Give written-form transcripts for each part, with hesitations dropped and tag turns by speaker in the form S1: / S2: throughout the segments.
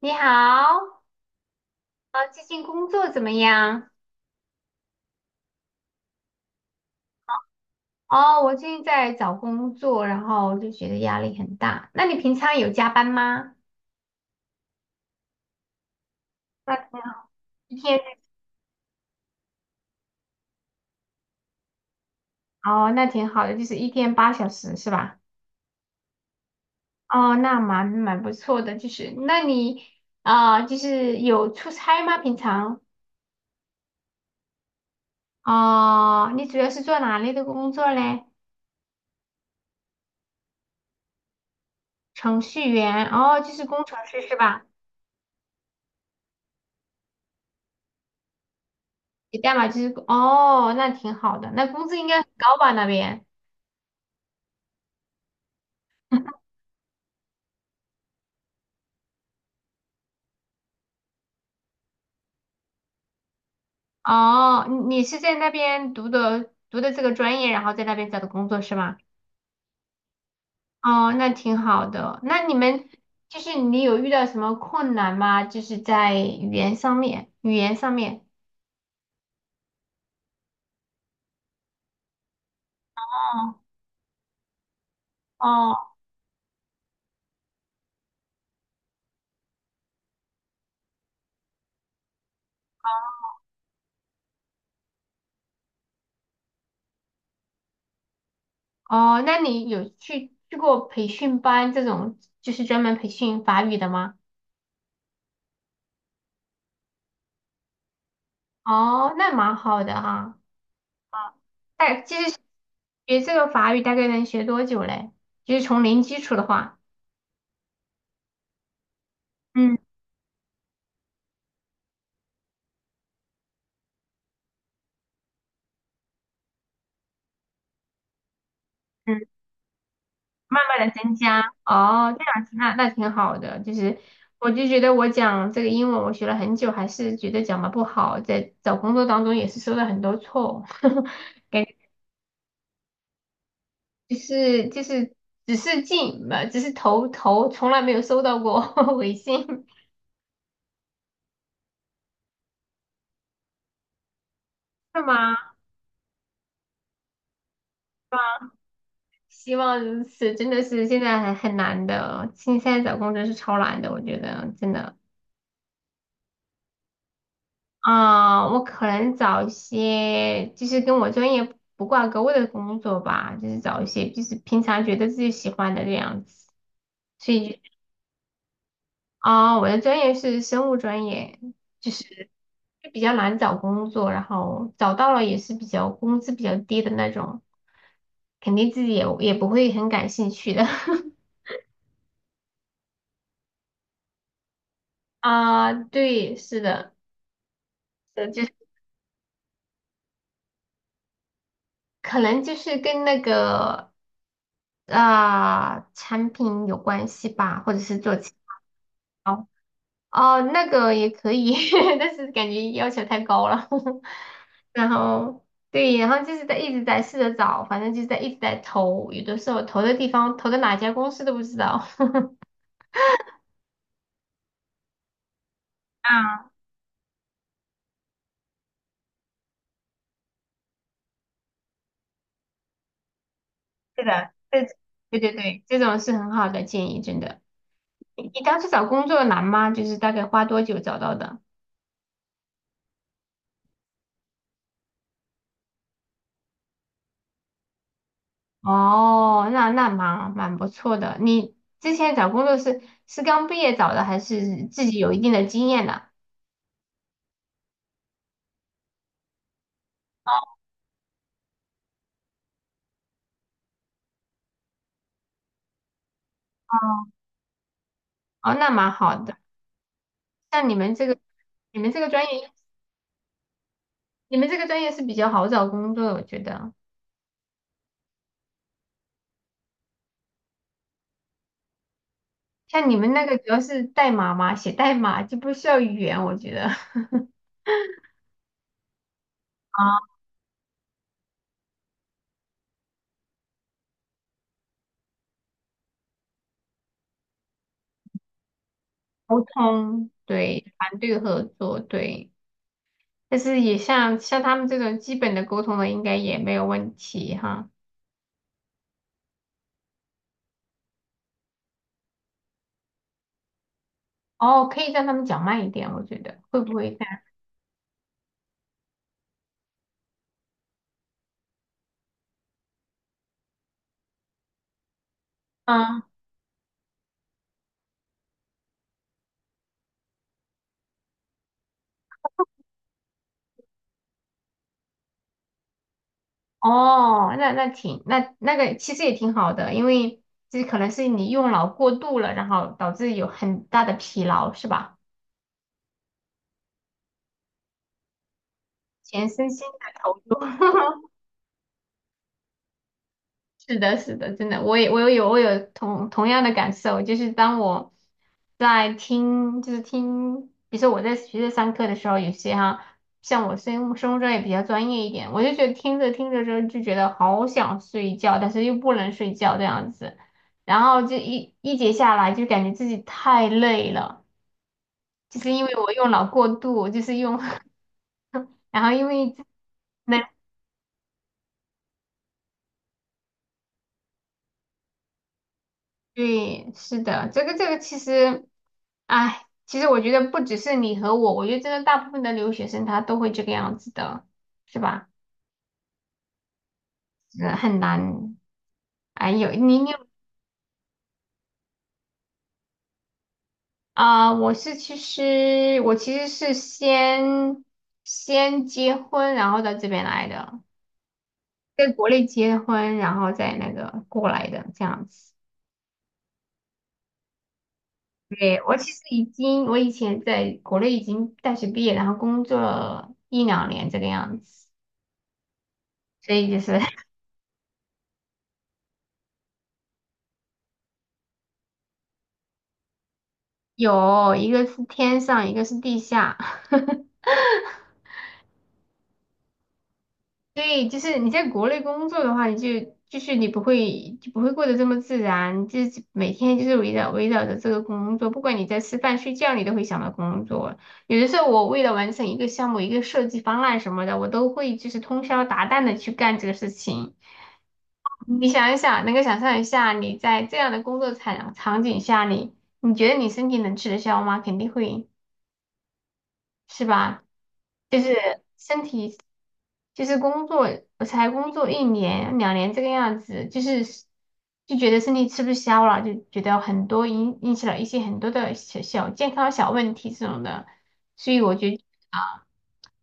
S1: 你好，最近工作怎么样？哦，我最近在找工作，然后就觉得压力很大。那你平常有加班吗？那挺好，一天，哦，那挺好的，就是一天8小时是吧？哦，那蛮不错的，就是那你啊，呃就是有出差吗？平常？哦，你主要是做哪类的工作嘞？程序员，哦，就是工程师是吧？写代码就是，哦，那挺好的，那工资应该很高吧那边？哦，你是在那边读的这个专业，然后在那边找的工作是吗？哦，那挺好的。那你们就是你有遇到什么困难吗？就是在语言上面，语言上面。哦哦，哦，那你有去过培训班这种，就是专门培训法语的吗？哦，那蛮好的哈。啊，哎，其实学这个法语大概能学多久嘞？就是从零基础的话，嗯嗯。慢慢的增加哦，这样子那挺好的。就是我就觉得我讲这个英文，我学了很久，还是觉得讲的不好，在找工作当中也是收到很多错误，感觉就是只是投，从来没有收到过 回信，是吗？希望如此，真的是现在还很难的，现在找工作是超难的，我觉得真的。啊、我可能找一些就是跟我专业不挂钩的工作吧，就是找一些就是平常觉得自己喜欢的这样子。所以就，啊、我的专业是生物专业，就是比较难找工作，然后找到了也是比较工资比较低的那种，肯定自己也不会很感兴趣的。啊，对，是的，就可能就是跟那个啊、产品有关系吧，或者是做。哦，哦，那个也可以，但是感觉要求太高了。然后对，然后就是在一直在试着找，反正就是在一直在投，有的时候投的地方投的哪家公司都不知道。啊，是的，对对对对，这种是很好的建议，真的。你当时找工作难吗？就是大概花多久找到的？哦，那蛮不错的。你之前找工作是刚毕业找的，还是自己有一定的经验的？哦，那蛮好的。像你们这个，你们这个专业，你们这个专业是比较好找工作的，我觉得。像你们那个主要是代码嘛，写代码就不需要语言，我觉得。啊，沟通，对，团队合作，对。但是也像他们这种基本的沟通的，应该也没有问题哈。哦，可以让他们讲慢一点，我觉得会不会干？样？嗯，哦，那那挺那那个其实也挺好的，因为这可能是你用脑过度了，然后导致有很大的疲劳，是吧？全身心的投入。是的，是的，真的，我有同样的感受，就是当我在听，就是听，比如说我在学校上课的时候，有些哈，像我生物专业比较专业一点，我就觉得听着听着之后就觉得好想睡觉，但是又不能睡觉这样子，然后就一节下来就感觉自己太累了，就是因为我用脑过度，就是用，然后因为那。对，是的，这个其实，哎，其实我觉得不只是你和我，我觉得真的大部分的留学生他都会这个样子的，是吧？是很难。哎，有你你啊、我其实是先结婚，然后到这边来的，在国内结婚，然后再那个过来的这样子。对，我其实已经，我以前在国内已经大学毕业，然后工作了一两年这个样子，所以就是有一个是天上，一个是地下，对，就是你在国内工作的话，就是你不会就不会过得这么自然，就是每天就是围绕着这个工作，不管你在吃饭睡觉，你都会想到工作。有的时候我为了完成一个项目、一个设计方案什么的，我都会就是通宵达旦的去干这个事情。你想一想，能够想象一下，你在这样的工作场景下，你觉得你身体能吃得消吗？肯定会。是吧？就是身体，就是工作，我才工作一年两年这个样子，就觉得身体吃不消了，就觉得很多引起了一些很多的小小健康小问题这种的，所以我觉得啊，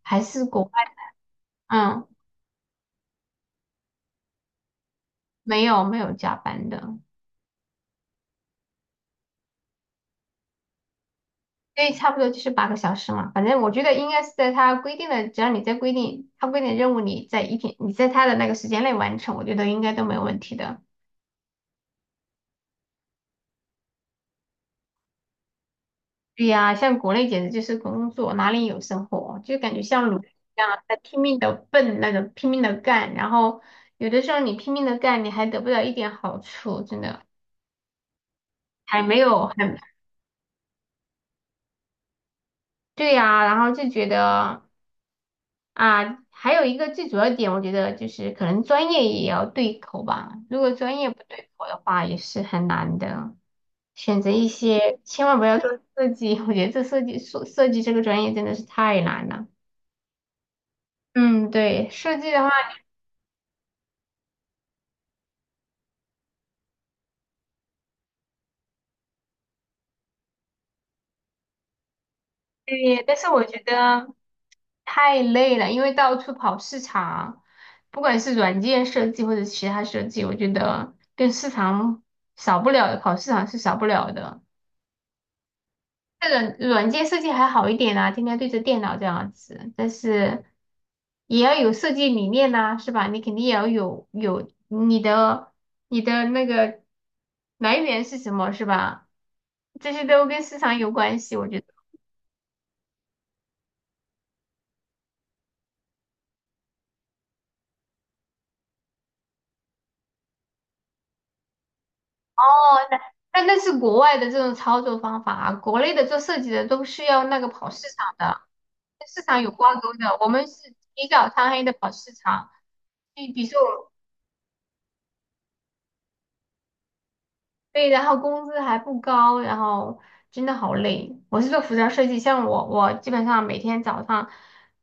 S1: 还是国外，嗯，没有没有加班的，所以差不多就是8个小时嘛，反正我觉得应该是在他规定的，只要你在规定他规定的任务，你在一天你在他的那个时间内完成，我觉得应该都没有问题的。对呀，像国内简直就是工作，哪里有生活？就感觉像奴隶一样在拼命的奔那种，拼命的干，然后有的时候你拼命的干，你还得不到一点好处，真的还没有很对呀。然后就觉得啊，还有一个最主要点，我觉得就是可能专业也要对口吧。如果专业不对口的话，也是很难的。选择一些，千万不要做设计，我觉得这设计这个专业真的是太难了。嗯，对，设计的话。对，但是我觉得太累了，因为到处跑市场，不管是软件设计或者其他设计，我觉得跟市场少不了的，跑市场是少不了的。这个软件设计还好一点啦、天天对着电脑这样子，但是也要有设计理念呐、是吧？你肯定也要有你的那个来源是什么，是吧？这些都跟市场有关系，我觉得。但那是国外的这种操作方法啊，国内的做设计的都是要那个跑市场的，跟市场有挂钩的。我们是起早贪黑的跑市场，就比如说我对，然后工资还不高，然后真的好累。我是做服装设计，像我基本上每天早上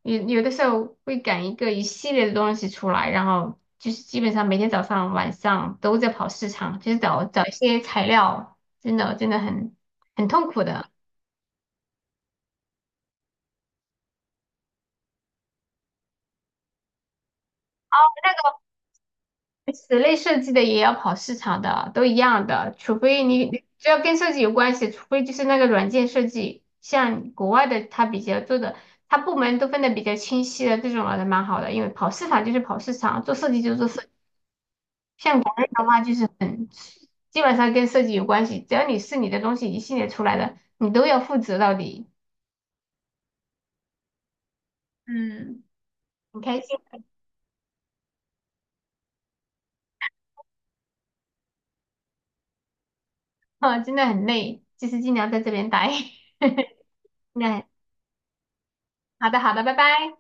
S1: 有的时候会赶一系列的东西出来，然后就是基本上每天早上晚上都在跑市场，就是找找一些材料，真的真的很痛苦的。室内设计的也要跑市场的，都一样的，除非你只要跟设计有关系，除非就是那个软件设计，像国外的他比较做的，他部门都分得比较清晰的，这种还蛮好的，因为跑市场就是跑市场，做设计就是做设计。像国内的话，就是很基本上跟设计有关系，只要你是你的东西一系列出来的，你都要负责到底。嗯，很开心啊，真的很累，就是尽量在这边待。那好的，好的，拜拜。